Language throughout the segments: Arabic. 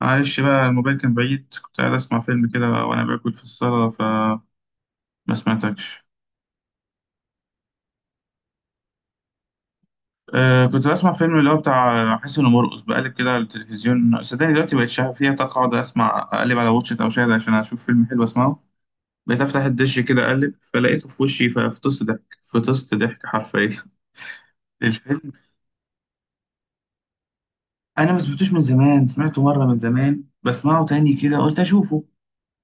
معلش بقى الموبايل كان بعيد، كنت قاعد اسمع فيلم كده وانا باكل في الصاله فما سمعتكش. أه، كنت بسمع فيلم اللي هو بتاع حسن ومرقص، بقلب كده على التلفزيون. صدقني دلوقتي بقيت شغال فيها طاقة، اقعد اسمع اقلب على واتشت او شاهد عشان اشوف فيلم حلو اسمعه. بقيت افتح الدش كده اقلب فلقيته في وشي ففطست ضحك، فطست ضحك حرفيا. الفيلم انا ما سمعتوش من زمان، سمعته مره من زمان، بسمعه تاني كده قلت اشوفه.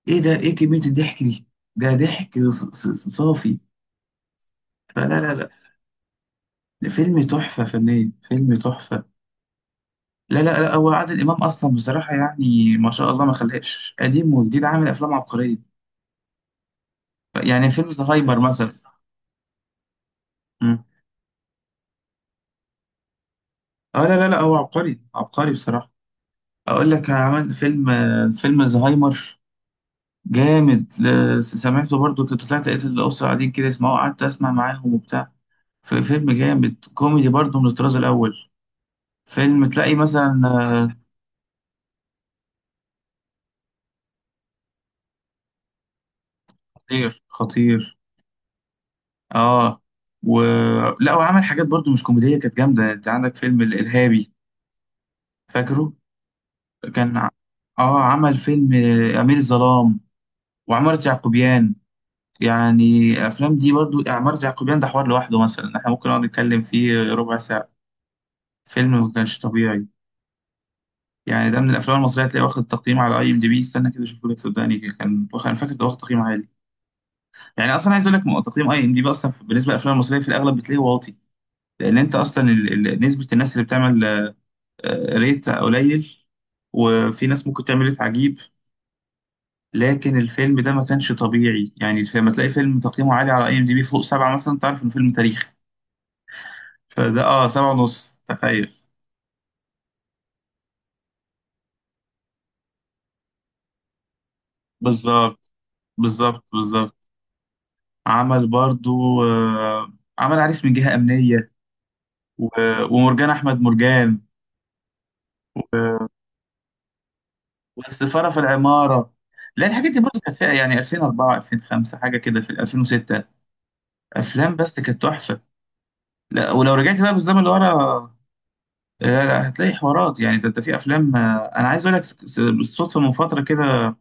ايه ده، ايه كميه الضحك دي؟ ده ضحك صافي. فلا لا لا، ده فيلم تحفة فنية، فيلم تحفة. لا لا لا، هو عادل إمام أصلا بصراحة، يعني ما شاء الله، ما خلاش قديم وجديد، عامل أفلام عبقرية. يعني فيلم زهايمر مثلا. مم. اه لا لا لا، هو عبقري عبقري بصراحة. أقول لك عمل فيلم، فيلم زهايمر جامد، سمعته برضو، كنت طلعت لقيت الأسرة قاعدين كده يسمعوه، قعدت أسمع معاهم وبتاع. في فيلم جامد كوميدي برضو من الطراز الأول. فيلم تلاقي مثلا خطير خطير. اه و، لا وعمل حاجات برضو مش كوميدية، كانت جامدة. انت عندك فيلم الإرهابي، فاكره؟ كان ع- اه عمل فيلم أمير الظلام، وعمارة يعقوبيان. يعني الأفلام دي برضو، عمارة يعقوبيان ده حوار لوحده، مثلا احنا ممكن نقعد نتكلم فيه ربع ساعة. فيلم ما كانش طبيعي. يعني ده من الأفلام المصرية تلاقيه واخد تقييم على أي إم دي بي، استنى كده أشوفه لك صدقني، كان واخد، أنا فاكر ده واخد تقييم عالي. يعني أصلا عايز أقول لك تقييم أي إم دي بي أصلا بالنسبة للأفلام المصرية في الأغلب بتلاقيه واطي، لأن أنت أصلا نسبة الناس اللي بتعمل ريت قليل، وفي ناس ممكن تعمل ريت عجيب. لكن الفيلم ده ما كانش طبيعي. يعني لما تلاقي فيلم تقييمه عالي على اي ام دي بي فوق سبعة مثلا، تعرف انه فيلم تاريخي. فده اه سبعة ونص، تخيل. بالظبط، بالظبط بالظبط. عمل برضو آه، عمل عريس من جهة أمنية، ومرجان أحمد مرجان، و- والسفارة في العمارة. لا الحاجات دي برضو كانت فيها يعني 2004 2005 حاجة كده، في 2006 أفلام بس كانت تحفة. لا ولو رجعت بقى بالزمن لورا، لا لا، هتلاقي حوارات. يعني ده انت في افلام انا عايز اقول لك بالصدفه من فتره كده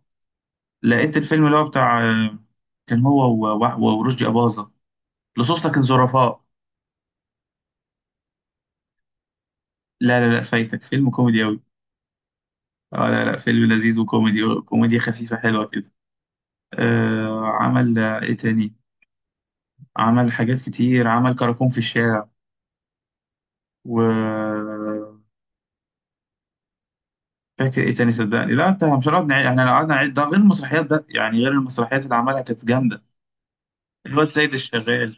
لقيت الفيلم اللي هو بتاع كان هو ورشدي اباظه، لصوص لكن ظرفاء. لا لا لا، فايتك فيلم كوميدي قوي. اه لا لا، فيلم لذيذ وكوميدي، كوميديا خفيفه حلوه كده. آه عمل آه، ايه تاني؟ عمل حاجات كتير، عمل كراكون في الشارع و، فاكر ايه تاني صدقني؟ لا انت مش هنقعد نعيد، احنا لو قعدنا نعيد، ده غير المسرحيات بقى، يعني غير المسرحيات اللي عملها كانت جامده. الواد سيد الشغال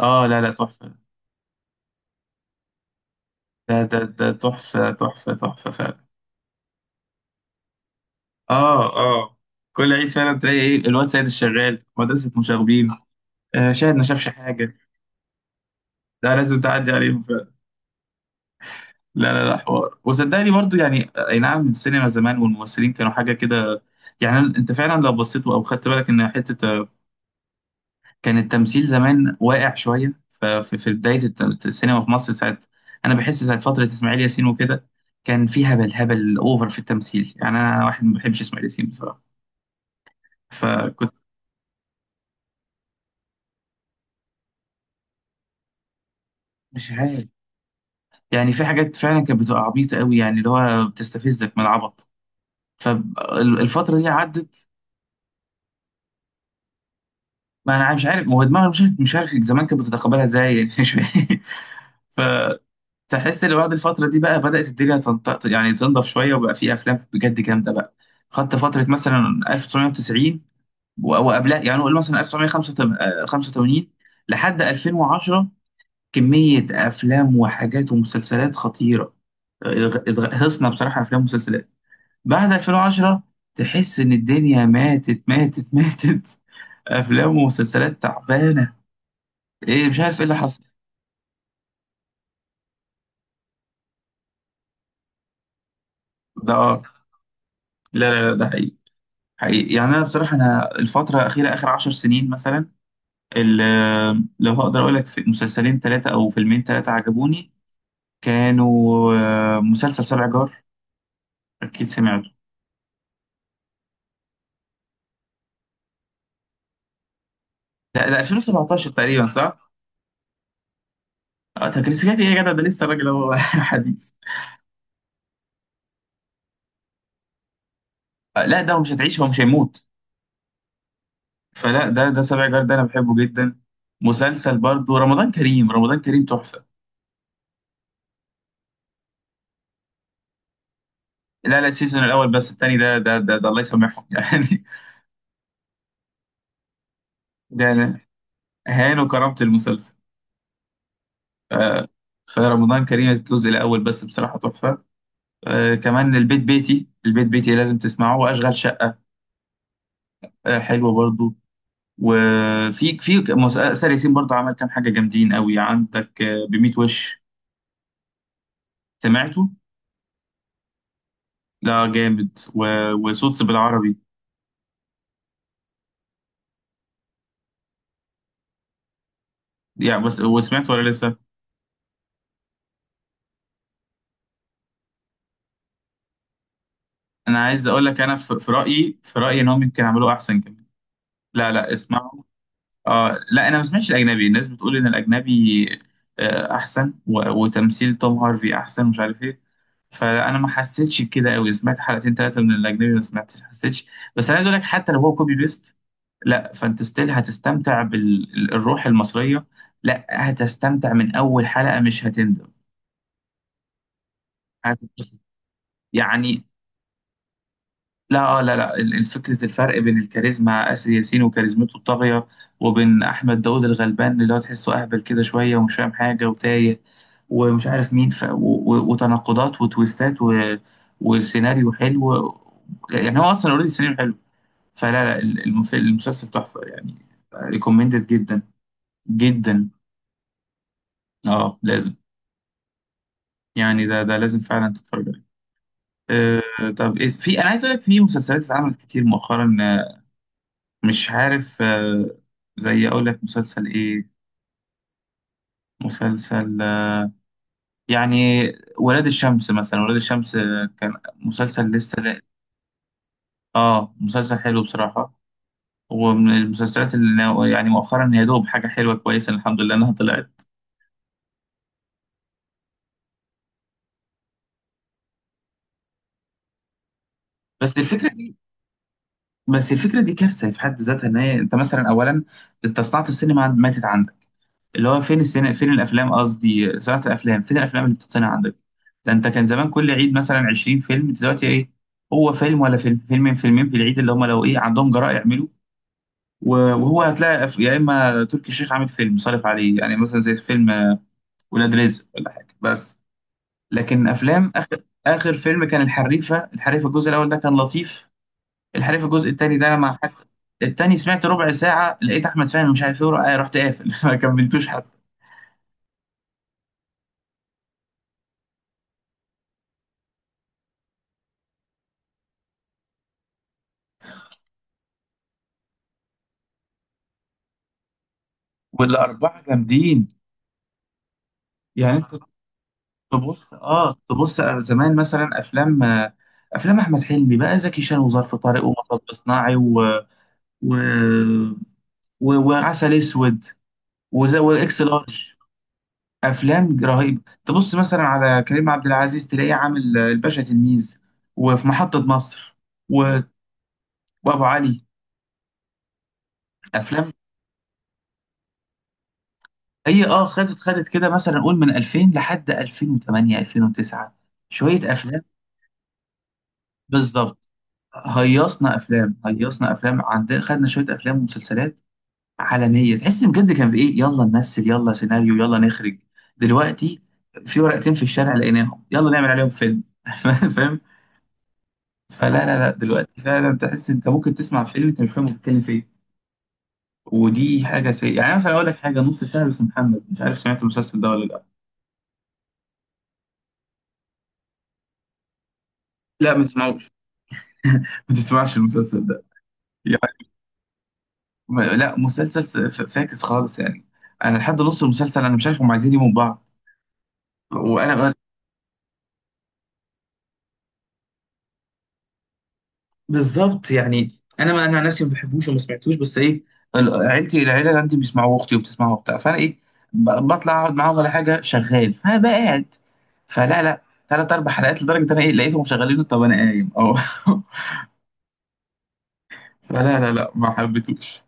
اه، لا لا، تحفه. ده ده ده تحفة تحفة تحفة فعلا. اه اه، كل عيد فعلا تلاقي ايه، الواد سيد الشغال، مدرسة مشاغبين، آه شاهد ما شافش حاجة. ده لازم تعدي عليهم فعلا. لا لا لا، حوار. وصدقني برضو يعني اي نعم السينما زمان والممثلين كانوا حاجة كده. يعني انت فعلا لو بصيت او خدت بالك ان حتة كان التمثيل زمان واقع شوية، ففي بداية السينما في مصر ساعة، انا بحس ساعة فترة اسماعيل ياسين وكده، كان في هبل، هبل اوفر في التمثيل. يعني أنا واحد ما بحبش اسماعيل ياسين بصراحة، فكنت مش عارف. يعني في حاجات فعلا كانت بتبقى عبيطة قوي، يعني اللي هو بتستفزك من العبط. فالفترة دي عدت. ما انا مش عارف، ما هو دماغي مش عارف مش عارف زمان كانت بتتقبلها ازاي، يعني مش فاهم. فتحس ان بعد الفترة دي بقى بدأت الدنيا تنطق، يعني تنضف شوية، وبقى في افلام بجد جامدة بقى. خدت فترة مثلا 1990 وقبلها يعني، نقول مثلا 1985 لحد 2010، كمية افلام وحاجات ومسلسلات خطيرة. هصنا بصراحة أفلام ومسلسلات. بعد 2010 تحس ان الدنيا ماتت ماتت ماتت. افلام ومسلسلات تعبانه. ايه، مش عارف ايه اللي حصل. ده آه. لا لا لا، ده حقيقي، حقيقي. يعني انا بصراحه، انا الفتره الاخيره اخر عشر سنين مثلا، لو هقدر اقول لك في مسلسلين ثلاثه او فيلمين ثلاثه عجبوني. كانوا مسلسل سبع جار، اكيد سمعته. ده ده 2017 تقريبا صح؟ اه تكريسيكاتي ايه يا جدع، ده لسه الراجل هو حديث. آه لا، ده هو مش هتعيش، هو مش هيموت. فلا ده ده سبع جار ده انا بحبه جدا. مسلسل برضو رمضان كريم، رمضان كريم تحفه. لا لا، السيزون الاول بس، التاني ده ده ده، ده الله يسامحهم يعني. ده انا، هانوا كرامه المسلسل. ف- فرمضان كريم الجزء الاول بس بصراحه تحفه. آه كمان البيت بيتي، البيت بيتي لازم تسمعه، واشغال شقه آه حلوه برضو. وفي مسلسل ياسين برضو عمل كام حاجه جامدين قوي، عندك آه بميت وش، سمعته؟ لا جامد، وصوت بالعربي. يعني بس، وسمعته ولا لسه؟ انا عايز اقول لك، انا في رايي، في رايي ان هم يمكن عملوه احسن كمان. لا لا، اسمعوا. آه لا، انا ما سمعتش الاجنبي، الناس بتقول ان الاجنبي آه احسن، وتمثيل توم هارفي احسن، مش عارف ايه. فانا ما حسيتش بكده قوي، سمعت حلقتين ثلاثه من الاجنبي، ما سمعتش حسيتش. بس انا عايز اقول لك، حتى لو هو كوبي بيست، لا، فانت ستيل هتستمتع بالروح المصريه. لا هتستمتع من اول حلقه، مش هتندم، هتتبسط يعني. لا اه لا لا، الفكرة، الفرق بين الكاريزما آسر ياسين وكاريزمته الطاغية، وبين أحمد داوود الغلبان اللي هو تحسه أهبل كده شوية ومش فاهم حاجة وتايه ومش عارف مين ف... و... وتناقضات وتويستات و... والسيناريو حلو. يعني هو أصلا أوريدي السيناريو حلو. فلا لا، المف... المسلسل تحفة يعني، ريكومندد جدا، جدا. اه لازم، يعني ده ده لازم فعلا تتفرج عليه. آه طب إيه، في أنا عايز أقول لك في مسلسلات اتعملت كتير مؤخرا مش عارف زي اقول لك مسلسل ايه، مسلسل يعني ولاد الشمس مثلا، ولاد الشمس آه، كان مسلسل لسه لا. اه مسلسل حلو بصراحة، ومن المسلسلات اللي يعني مؤخرا يا دوب حاجة حلوة كويسة الحمد لله انها طلعت. بس الفكرة دي بس الفكرة دي كارثة في حد ذاتها، ان هي انت مثلا اولا، انت صناعة السينما ماتت عندك، اللي هو فين السينما فين الافلام، قصدي صناعه الافلام، فين الافلام اللي بتتصنع عندك. ده انت كان زمان كل عيد مثلا 20 فيلم، دلوقتي ايه؟ هو فيلم، ولا فيلم، فيلمين فيلمين في العيد اللي هم لو ايه عندهم جراء يعملوا. وهو هتلاقي يا اما تركي الشيخ عامل فيلم صارف عليه، يعني مثلا زي فيلم ولاد رزق ولا حاجه بس. لكن افلام، اخر اخر فيلم كان الحريفه، الحريفه الجزء الاول ده كان لطيف. الحريفه الجزء الثاني ده انا مع حد، التاني سمعت ربع ساعه لقيت احمد فهمي مش عارف ايه آه، رحت قافل ما كملتوش حتى. والاربعه جامدين، يعني انت تبص، اه تبص زمان مثلا افلام، افلام احمد حلمي بقى، زكي شان وظرف طارق ومطب صناعي و... و... و... وعسل اسود، واكس لارج، افلام رهيبه. تبص مثلا على كريم عبد العزيز تلاقيه عامل الباشا تلميذ، وفي محطه مصر و... وابو علي. افلام هي اه خدت خدت كده، مثلا قول من 2000 لحد 2008 2009، شويه افلام. بالظبط، هيصنا افلام هيصنا افلام عندنا، خدنا شويه افلام ومسلسلات عالميه، تحس ان بجد كان في ايه، يلا نمثل، يلا سيناريو، يلا نخرج. دلوقتي في ورقتين في الشارع لقيناهم، يلا نعمل عليهم فيلم فاهم؟ فلا لا لا، دلوقتي فعلا تحس انت ممكن تسمع فيلم انت مش فاهم هو بيتكلم في ايه. ودي حاجه سيئه. يعني انا اقول لك حاجه، نص شعر اسمه محمد، مش عارف سمعت المسلسل ده ولا لا. لا ما تسمعوش ما تسمعش المسلسل ده يعني. لا مسلسل فاكس خالص يعني، انا لحد نص المسلسل انا مش عارف هم عايزين يجيبوا من بعض. وانا بالظبط، يعني انا ما، انا عن نفسي ما بحبوش وما سمعتوش، بس ايه، عيلتي، العيله اللي عندي بيسمعوا، اختي وبتسمعه وبتاع، فانا ايه بطلع اقعد معاهم ولا حاجه شغال فبقى قاعد. فلا لا، ثلاث اربع حلقات، لدرجه ان انا ايه لقيتهم شغالين طب انا قايم اه. فلا لا لا، ما حبيتوش.